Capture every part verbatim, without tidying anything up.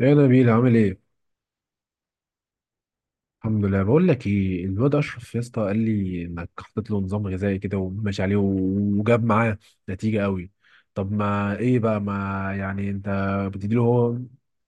يا نبيل عامل ايه؟ الحمد لله. بقول لك ايه، الواد اشرف يا اسطى قال لي انك حطيت له نظام غذائي كده وماشي عليه وجاب معاه نتيجة قوي. طب ما ايه بقى، ما يعني انت بتديله هو؟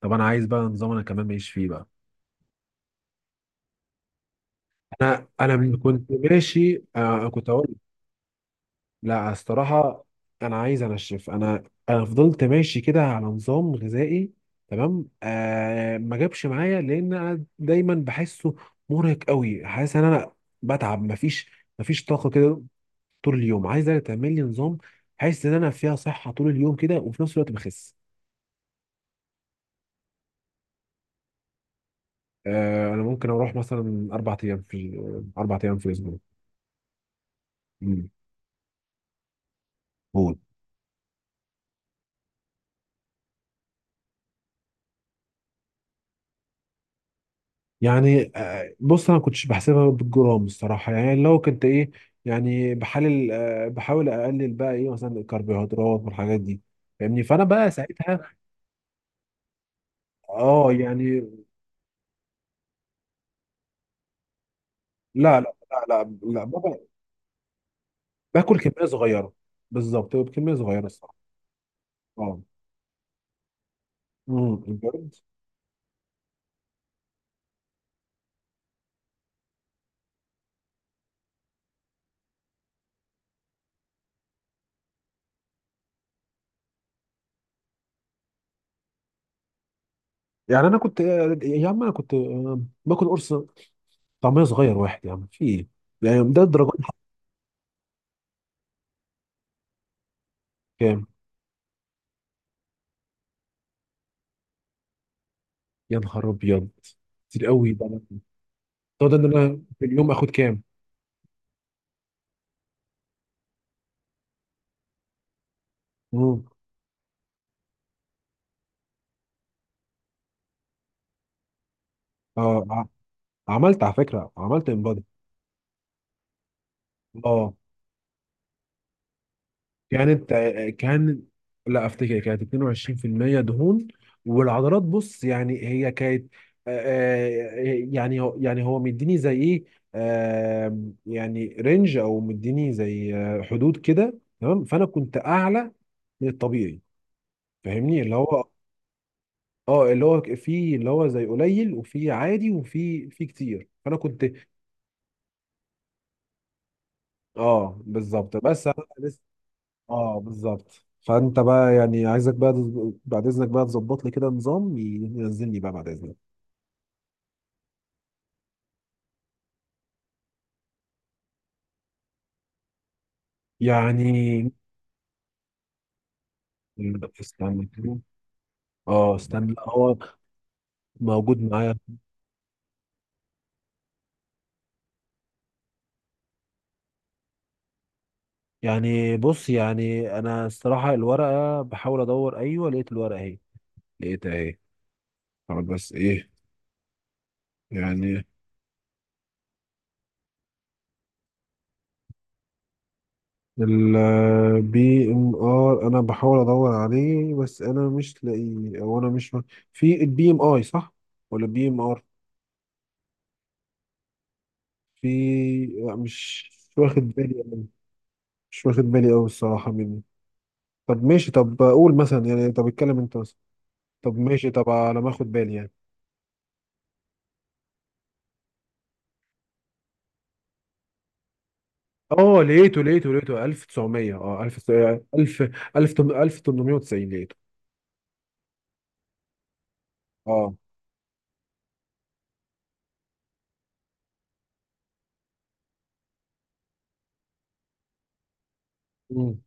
طب انا عايز بقى نظام انا كمان ماشي فيه بقى. انا انا من كنت ماشي آه كنت هقول. لا، الصراحة أنا عايز أنشف. أنا أنا فضلت ماشي كده على نظام غذائي تمام. آه ما جابش معايا لأن أنا دايما بحسه مرهق قوي، حاسس إن أنا بتعب. مفيش مفيش طاقة كده طول اليوم. عايزة تعمل لي نظام، حاسس إن أنا فيها صحة طول اليوم كده وفي نفس الوقت بخس. آه أنا ممكن أروح مثلا أربع أيام في أربع أيام في الأسبوع. مم. قول. يعني آه، بص انا ما كنتش بحسبها بالجرام الصراحه، يعني لو كنت ايه يعني بحلل، آه، بحاول اقلل بقى ايه مثلا الكربوهيدرات والحاجات دي، فاهمني؟ فانا بقى ساعتها اه يعني. لا لا لا لا, لا بابا. باكل كميه صغيره، بالظبط بكميه صغيره الصراحه. اه، امم بجد. يعني انا كنت، آه، يا عم انا كنت، آه، باكل قرص طعميه صغير واحد يا عم، في ايه يعني ده الدرجات دي؟ كام؟ يا نهار ابيض، كتير قوي ده. أنا- ده ده إن انا في اليوم اخد كام؟ مم. اه ع- عملت على فكرة، عملت انبادي. اه، كانت، كان، لا افتكر كانت اثنين وعشرين في المئة دهون. والعضلات بص يعني هي كانت، آه، آه، يعني هو يعني هو مديني زي ايه، آه، يعني رينج، او مديني زي آه، حدود كده تمام. فانا كنت اعلى من الطبيعي، فاهمني؟ اللي هو اه اللي هو في اللي هو زي قليل وفي عادي وفي في كتير، فانا كنت اه بالظبط. بس انا لسه اه بالظبط. فانت بقى يعني عايزك بقى تز- بعد اذنك بقى تظبط لي كده نظام ينزلني بقى بعد اذنك. يعني استنى كده. اه استنى، لا، هو موجود معايا. يعني بص يعني انا الصراحه الورقه بحاول ادور، ايوه لقيت الورقه اهي، لقيتها اهي. طب بس ايه يعني. البي ام ار انا بحاول ادور عليه بس انا مش لاقيه، او انا مش. في البي ام اي صح ولا بي ام ار؟ في لا مش مش واخد بالي أوي. مش واخد بالي أوي الصراحة مني. طب ماشي، طب قول مثلا يعني، طب اتكلم أنت مثلا، طب ماشي، طب على ما أخد بالي يعني. اه لقيته لقيته لقيته ألف وتسعمية اه ألف ألف ألف وتمنمية وتسعين لقيته. اه. مم.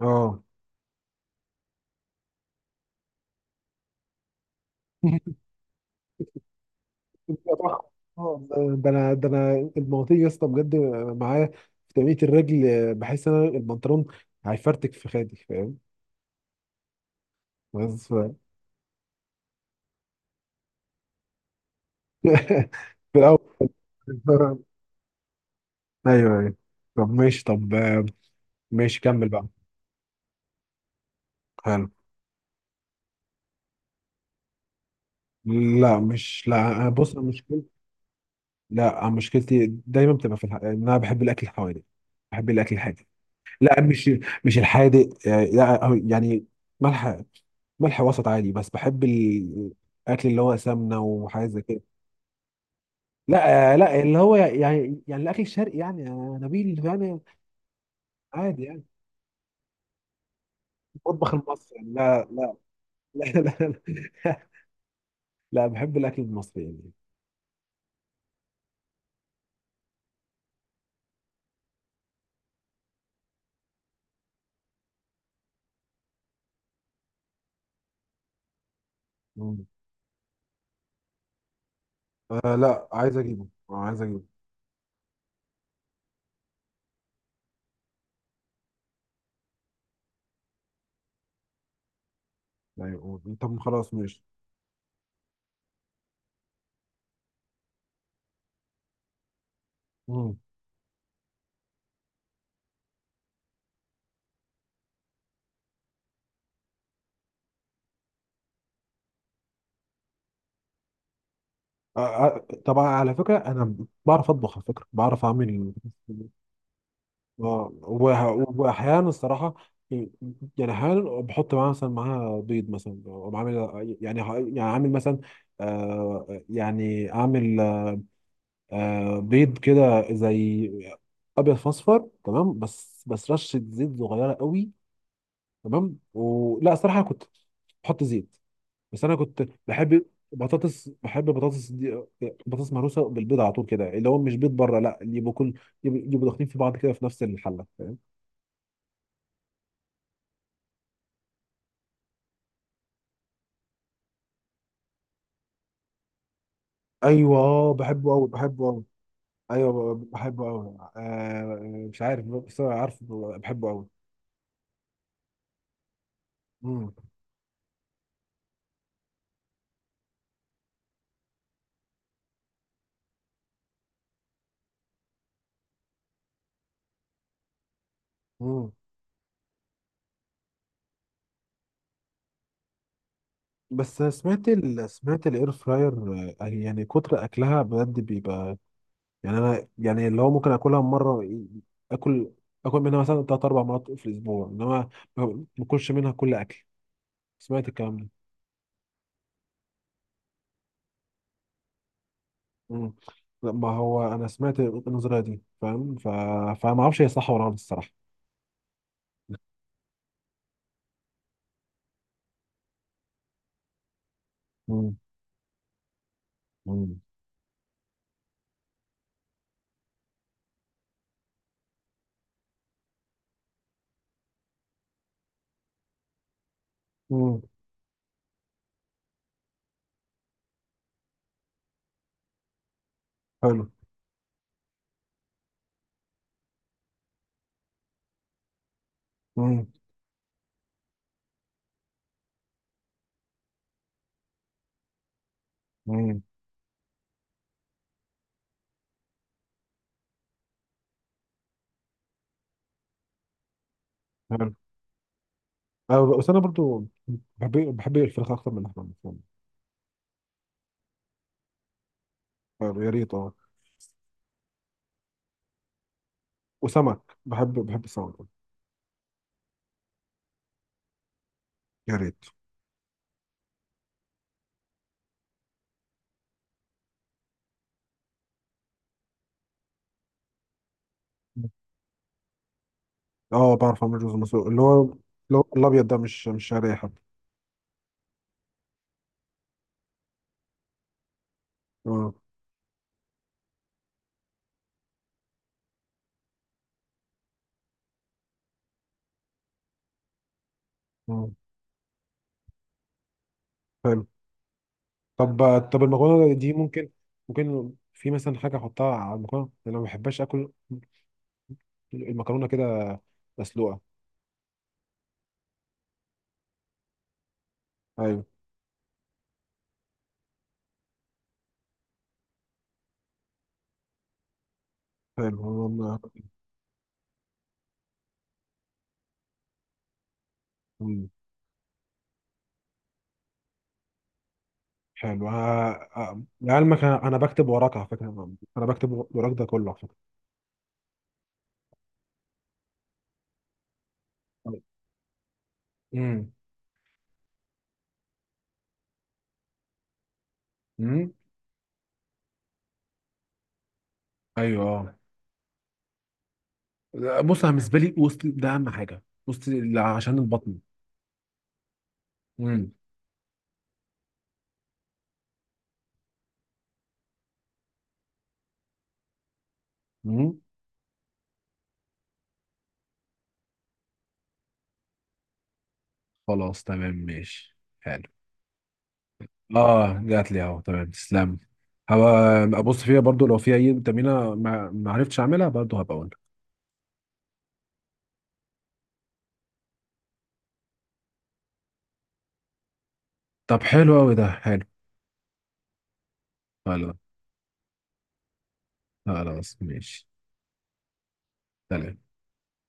اه. اه ده انا، ده انا المواطير يا اسطى بجد معايا في تنمية الرجل. آه، بحس ان انا البنطلون هيفرتك في خدي، فاهم؟ بس ف- في الاول. ايوه ايوه، طب ماشي طب آه، ماشي كمل بقى. حلو. لا مش لا. أنا- بص أنا مشكلتي، لا أنا مشكلتي دايما بتبقى في الح... ان انا بحب الاكل الحوادق، بحب الاكل الحادق. لا مش مش الحادق، آه، لا، أو يعني ملح، ملح وسط عادي، بس بحب ال- الاكل اللي هو سمنه وحاجات زي كده. لا آه، لا، اللي هو يعني يعني الاكل الشرقي يعني يا نبيل يعني عادي يعني المطبخ المصري يعني. لا لا. لا لا, لا, لا بحب الاكل المصري يعني. آه لا عايز اجيبه، آه عايز اجيبه. ايوه طب خلاص ماشي. مم. آه آه، طبعا على فكره انا بعرف اطبخ على فكره، بعرف اعمل. اه وه- واحيانا الصراحه، يعني احيانا بحط معاها مثلا معاها بيض مثلا، وبعمل يعني ه- يعني عامل مثلا، آه يعني اعمل آه بيض كده زي ابيض فاصفر تمام، بس بس رشه زيت صغيره قوي، تمام. ولا صراحه كنت بحط زيت، بس انا كنت بحب بطاطس، بحب بطاطس دي، بطاطس مهروسه بالبيض على طول كده، اللي هو مش بيض بره، لا اللي يبقوا كل يبقوا يبقوا داخلين في بعض كده في نفس الحله، فاهم؟ ايوه بحبه قوي بحبه قوي. ايوه ب- بحبه قوي، آه مش عارف بس أنا عارف بحبه قوي. امم امم بس سمعت ال... سمعت الاير فراير. يعني كتر اكلها بجد بيبقى، يعني انا يعني اللي هو ممكن اكلها مره، اكل اكل منها مثلا ثلاث اربع مرات في الاسبوع انما ما باكلش منها كل اكل. سمعت الكلام ده. مم. لا ما هو انا سمعت النظريه دي فاهم ف... فما اعرفش هي صح ولا غلط الصراحه. مم. مم. مم. حلو. مم. مم. حلو. أه بس انا برضو بحب بحب الفراخ اكتر من اللحمه المفرومه. حلو يا ريت اه. وسمك، بحب بحب السمك. يا ريت. اه بعرف اعمل رز مسلوق، اللي هو اللي هو الابيض ده، مش مش شعريه حتى. اه. آه. حلو. طب طب المكرونه دي ممكن، ممكن في مثلا حاجه احطها على المكرونه، انا ما بحبش اكل المكرونه كده مسلوقه. ايوه. حلو والله. مم. حلو. ه- أ- لعلمك انا، أنا بكتب وراك على فكره، انا بكتب وراك ده كله على فكره. امم امم ايوه اه. لا، بص انا بالنسبه لي وسط ده اهم حاجه، وسط ال- عشان البطن. امم امم خلاص تمام ماشي حلو. اه جات لي اهو، تمام تسلم. هبقى ابص فيها برضو، لو في اي تمرينه ما ما عرفتش اعملها برضو هبقى اقول. طب حلو قوي، ده حلو. خلاص. خلاص ماشي. سلام.